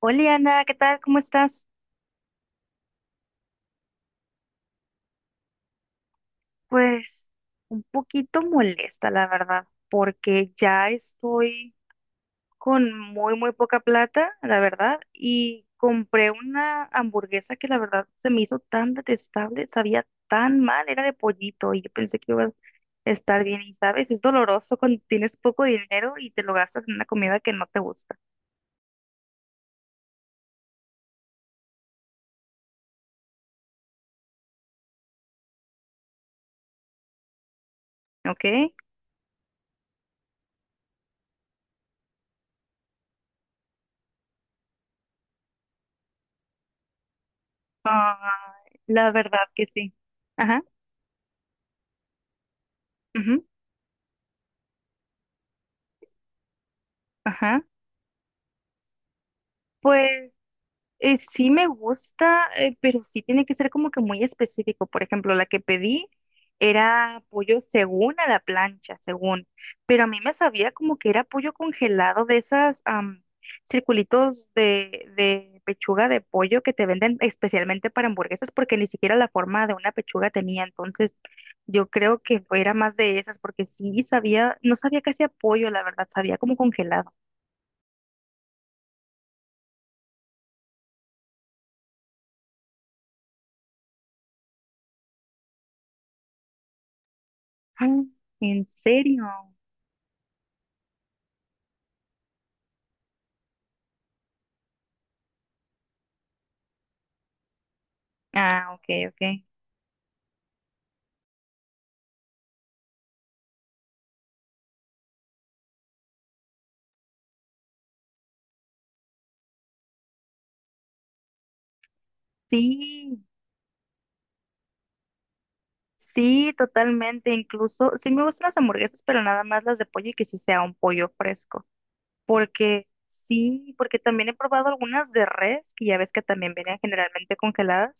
Hola Ana, ¿qué tal? ¿Cómo estás? Pues un poquito molesta, la verdad, porque ya estoy con muy, muy poca plata, la verdad, y compré una hamburguesa que la verdad se me hizo tan detestable, sabía tan mal, era de pollito y yo pensé que iba a estar bien y sabes, es doloroso cuando tienes poco dinero y te lo gastas en una comida que no te gusta. ¿Ok? Ah, la verdad que sí. Ajá, ujú, ajá. Pues sí me gusta, pero sí tiene que ser como que muy específico. Por ejemplo, la que pedí era pollo según a la plancha, según, pero a mí me sabía como que era pollo congelado de esas circulitos de pechuga de pollo que te venden especialmente para hamburguesas porque ni siquiera la forma de una pechuga tenía. Entonces, yo creo que era más de esas porque sí sabía, no sabía que hacía pollo, la verdad, sabía como congelado. Ah, ¿en serio? Ah, ok, ok. Sí, sí, totalmente. Incluso, sí me gustan las hamburguesas, pero nada más las de pollo y que sí sea un pollo fresco. Porque sí, porque también he probado algunas de res, que ya ves que también vienen generalmente congeladas.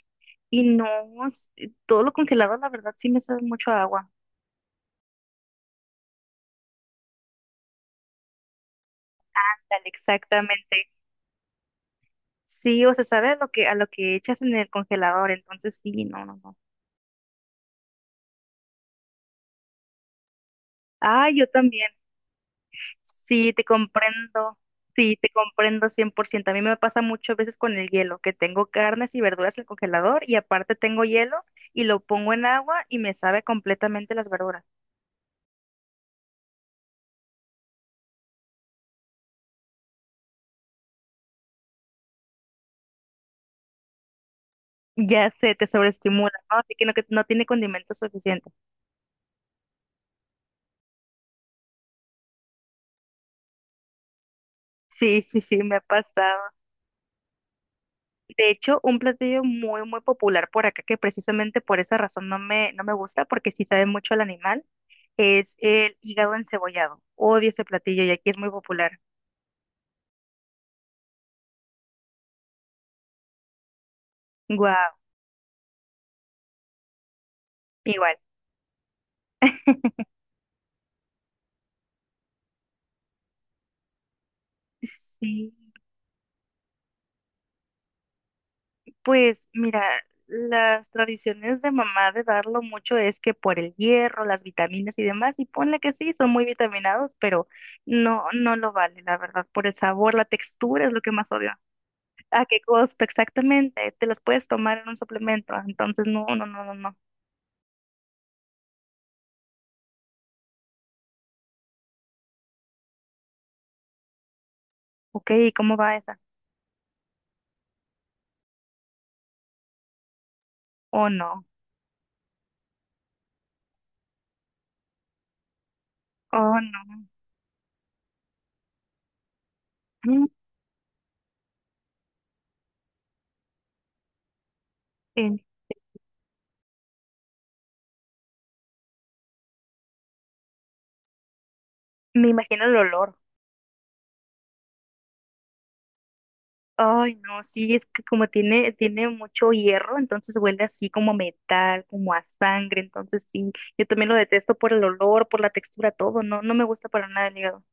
Y no, s- todo lo congelado, la verdad, sí me sabe mucho a agua. Ándale, exactamente. Sí, o se sabe a lo que echas en el congelador, entonces sí, no, no, no. Ah, yo también. Sí, te comprendo. Sí, te comprendo 100%. A mí me pasa muchas veces con el hielo, que tengo carnes y verduras en el congelador y aparte tengo hielo y lo pongo en agua y me sabe completamente las verduras. Ya sé, te sobreestimula, ¿no? Así que no tiene condimento suficiente. Sí, sí, sí, me ha pasado. De hecho, un platillo muy, muy popular por acá, que precisamente por esa razón no me gusta, porque sí sabe mucho al animal, es el hígado encebollado. Odio ese platillo y aquí es muy popular. Guau. Igual. Sí, pues mira, las tradiciones de mamá de darlo mucho es que por el hierro, las vitaminas y demás, y ponle que sí, son muy vitaminados, pero no, no lo vale, la verdad, por el sabor, la textura es lo que más odio. ¿A qué costo exactamente? Te los puedes tomar en un suplemento, entonces no, no, no, no, no. Ok, ¿y cómo va esa? Oh, no, oh, no. Mm, eh, Me imagino el olor. Ay, no, sí, es que como tiene mucho hierro, entonces huele así como metal, como a sangre, entonces sí, yo también lo detesto por el olor, por la textura, todo, no, no me gusta para nada el hígado.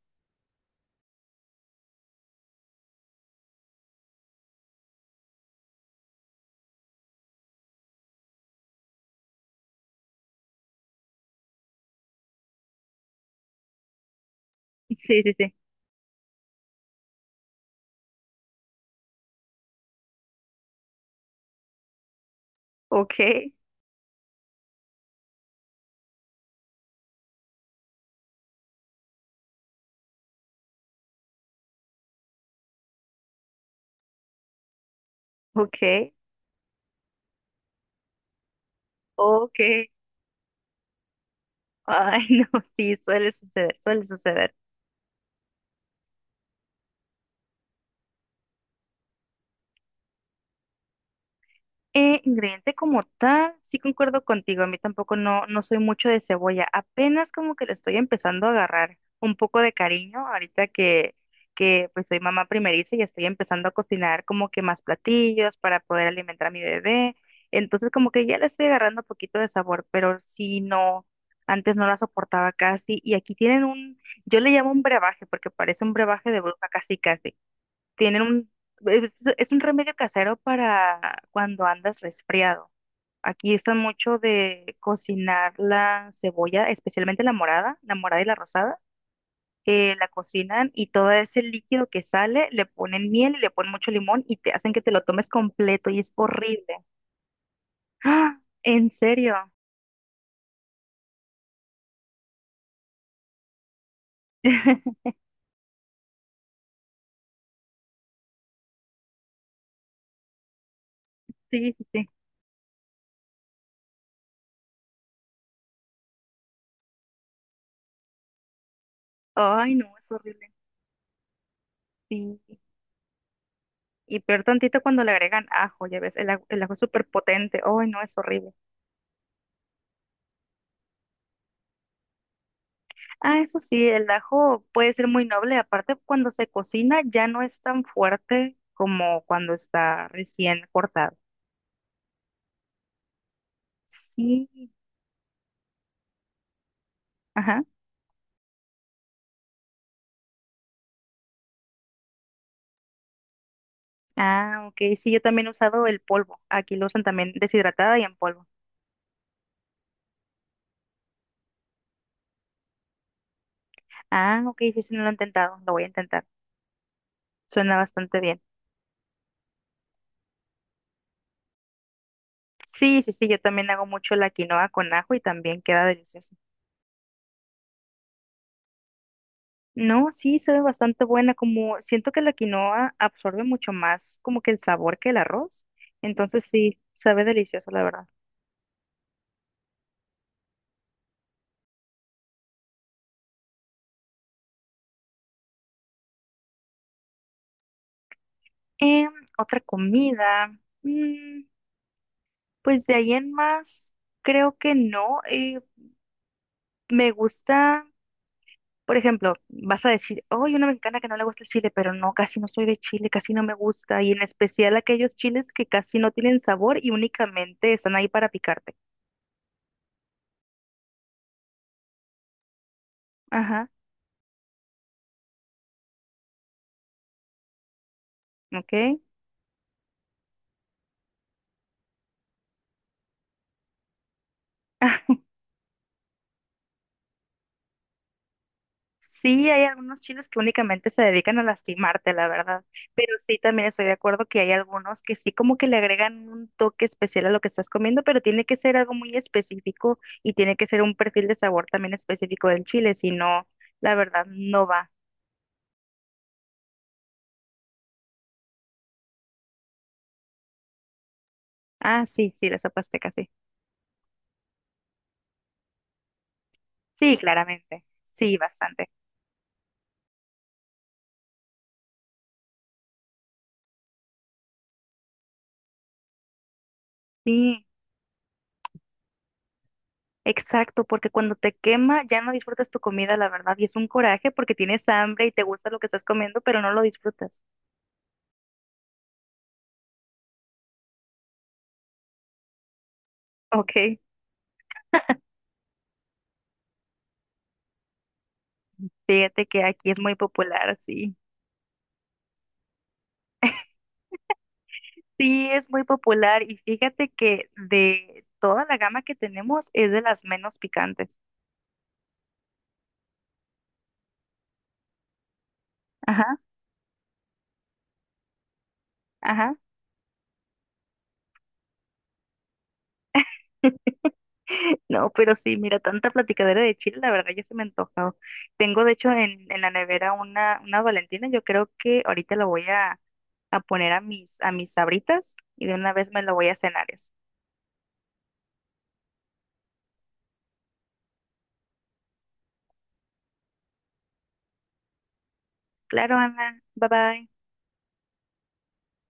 Sí, sí, sí. Ok, ok, ok. Ay, no, sí, suele suceder, suele suceder. Ingrediente como tal, sí concuerdo contigo, a mí tampoco no, no soy mucho de cebolla, apenas como que le estoy empezando a agarrar un poco de cariño ahorita que pues soy mamá primeriza y estoy empezando a cocinar como que más platillos para poder alimentar a mi bebé, entonces como que ya le estoy agarrando un poquito de sabor, pero sí no, antes no la soportaba casi y aquí tienen un, yo le llamo un brebaje porque parece un brebaje de bruja casi casi tienen un, es, es un remedio casero para cuando andas resfriado. Aquí usan mucho de cocinar la cebolla, especialmente la morada y la rosada. La cocinan y todo ese líquido que sale le ponen miel y le ponen mucho limón y te hacen que te lo tomes completo y es horrible. ¡Ah! ¿En serio? Sí, sí, sí. Ay, no, es horrible. Sí. Y peor tantito cuando le agregan ajo, ya ves, el ajo es súper potente. Ay, no, es horrible. Ah, eso sí, el ajo puede ser muy noble. Aparte, cuando se cocina ya no es tan fuerte como cuando está recién cortado. Sí, ajá. Ah, ok. Sí, yo también he usado el polvo. Aquí lo usan también deshidratada y en polvo. Ah, ok. Sí, sí, no lo he intentado. Lo voy a intentar. Suena bastante bien. Sí, sí, sí. Yo también hago mucho la quinoa con ajo y también queda delicioso. No, sí, sabe bastante buena, como siento que la quinoa absorbe mucho más como que el sabor que el arroz, entonces sí, sabe delicioso, la verdad. Em, otra comida, mm, pues de ahí en más, creo que no, me gusta, por ejemplo, vas a decir, oh, hay una mexicana que no le gusta el chile, pero no, casi no soy de chile, casi no me gusta, y en especial aquellos chiles que casi no tienen sabor y únicamente están ahí para picarte. Ajá, ok. Sí, hay algunos chiles que únicamente se dedican a lastimarte, la verdad, pero sí también estoy de acuerdo que hay algunos que sí como que le agregan un toque especial a lo que estás comiendo, pero tiene que ser algo muy específico y tiene que ser un perfil de sabor también específico del chile, si no, la verdad, no va. Ah, sí, sí, la sopa azteca, sí. Sí, claramente. Sí, bastante. Sí, exacto, porque cuando te quema ya no disfrutas tu comida, la verdad, y es un coraje porque tienes hambre y te gusta lo que estás comiendo, pero no lo disfrutas. Ok. Fíjate que aquí es muy popular, sí. Sí, es muy popular y fíjate que de toda la gama que tenemos es de las menos picantes. Ajá, ajá. No, pero sí, mira, tanta platicadera de chile, la verdad ya se me ha antojado. Tengo de hecho en la nevera una Valentina, yo creo que ahorita la voy a poner a mis sabritas y de una vez me la voy a cenar eso. Claro, Ana, bye bye.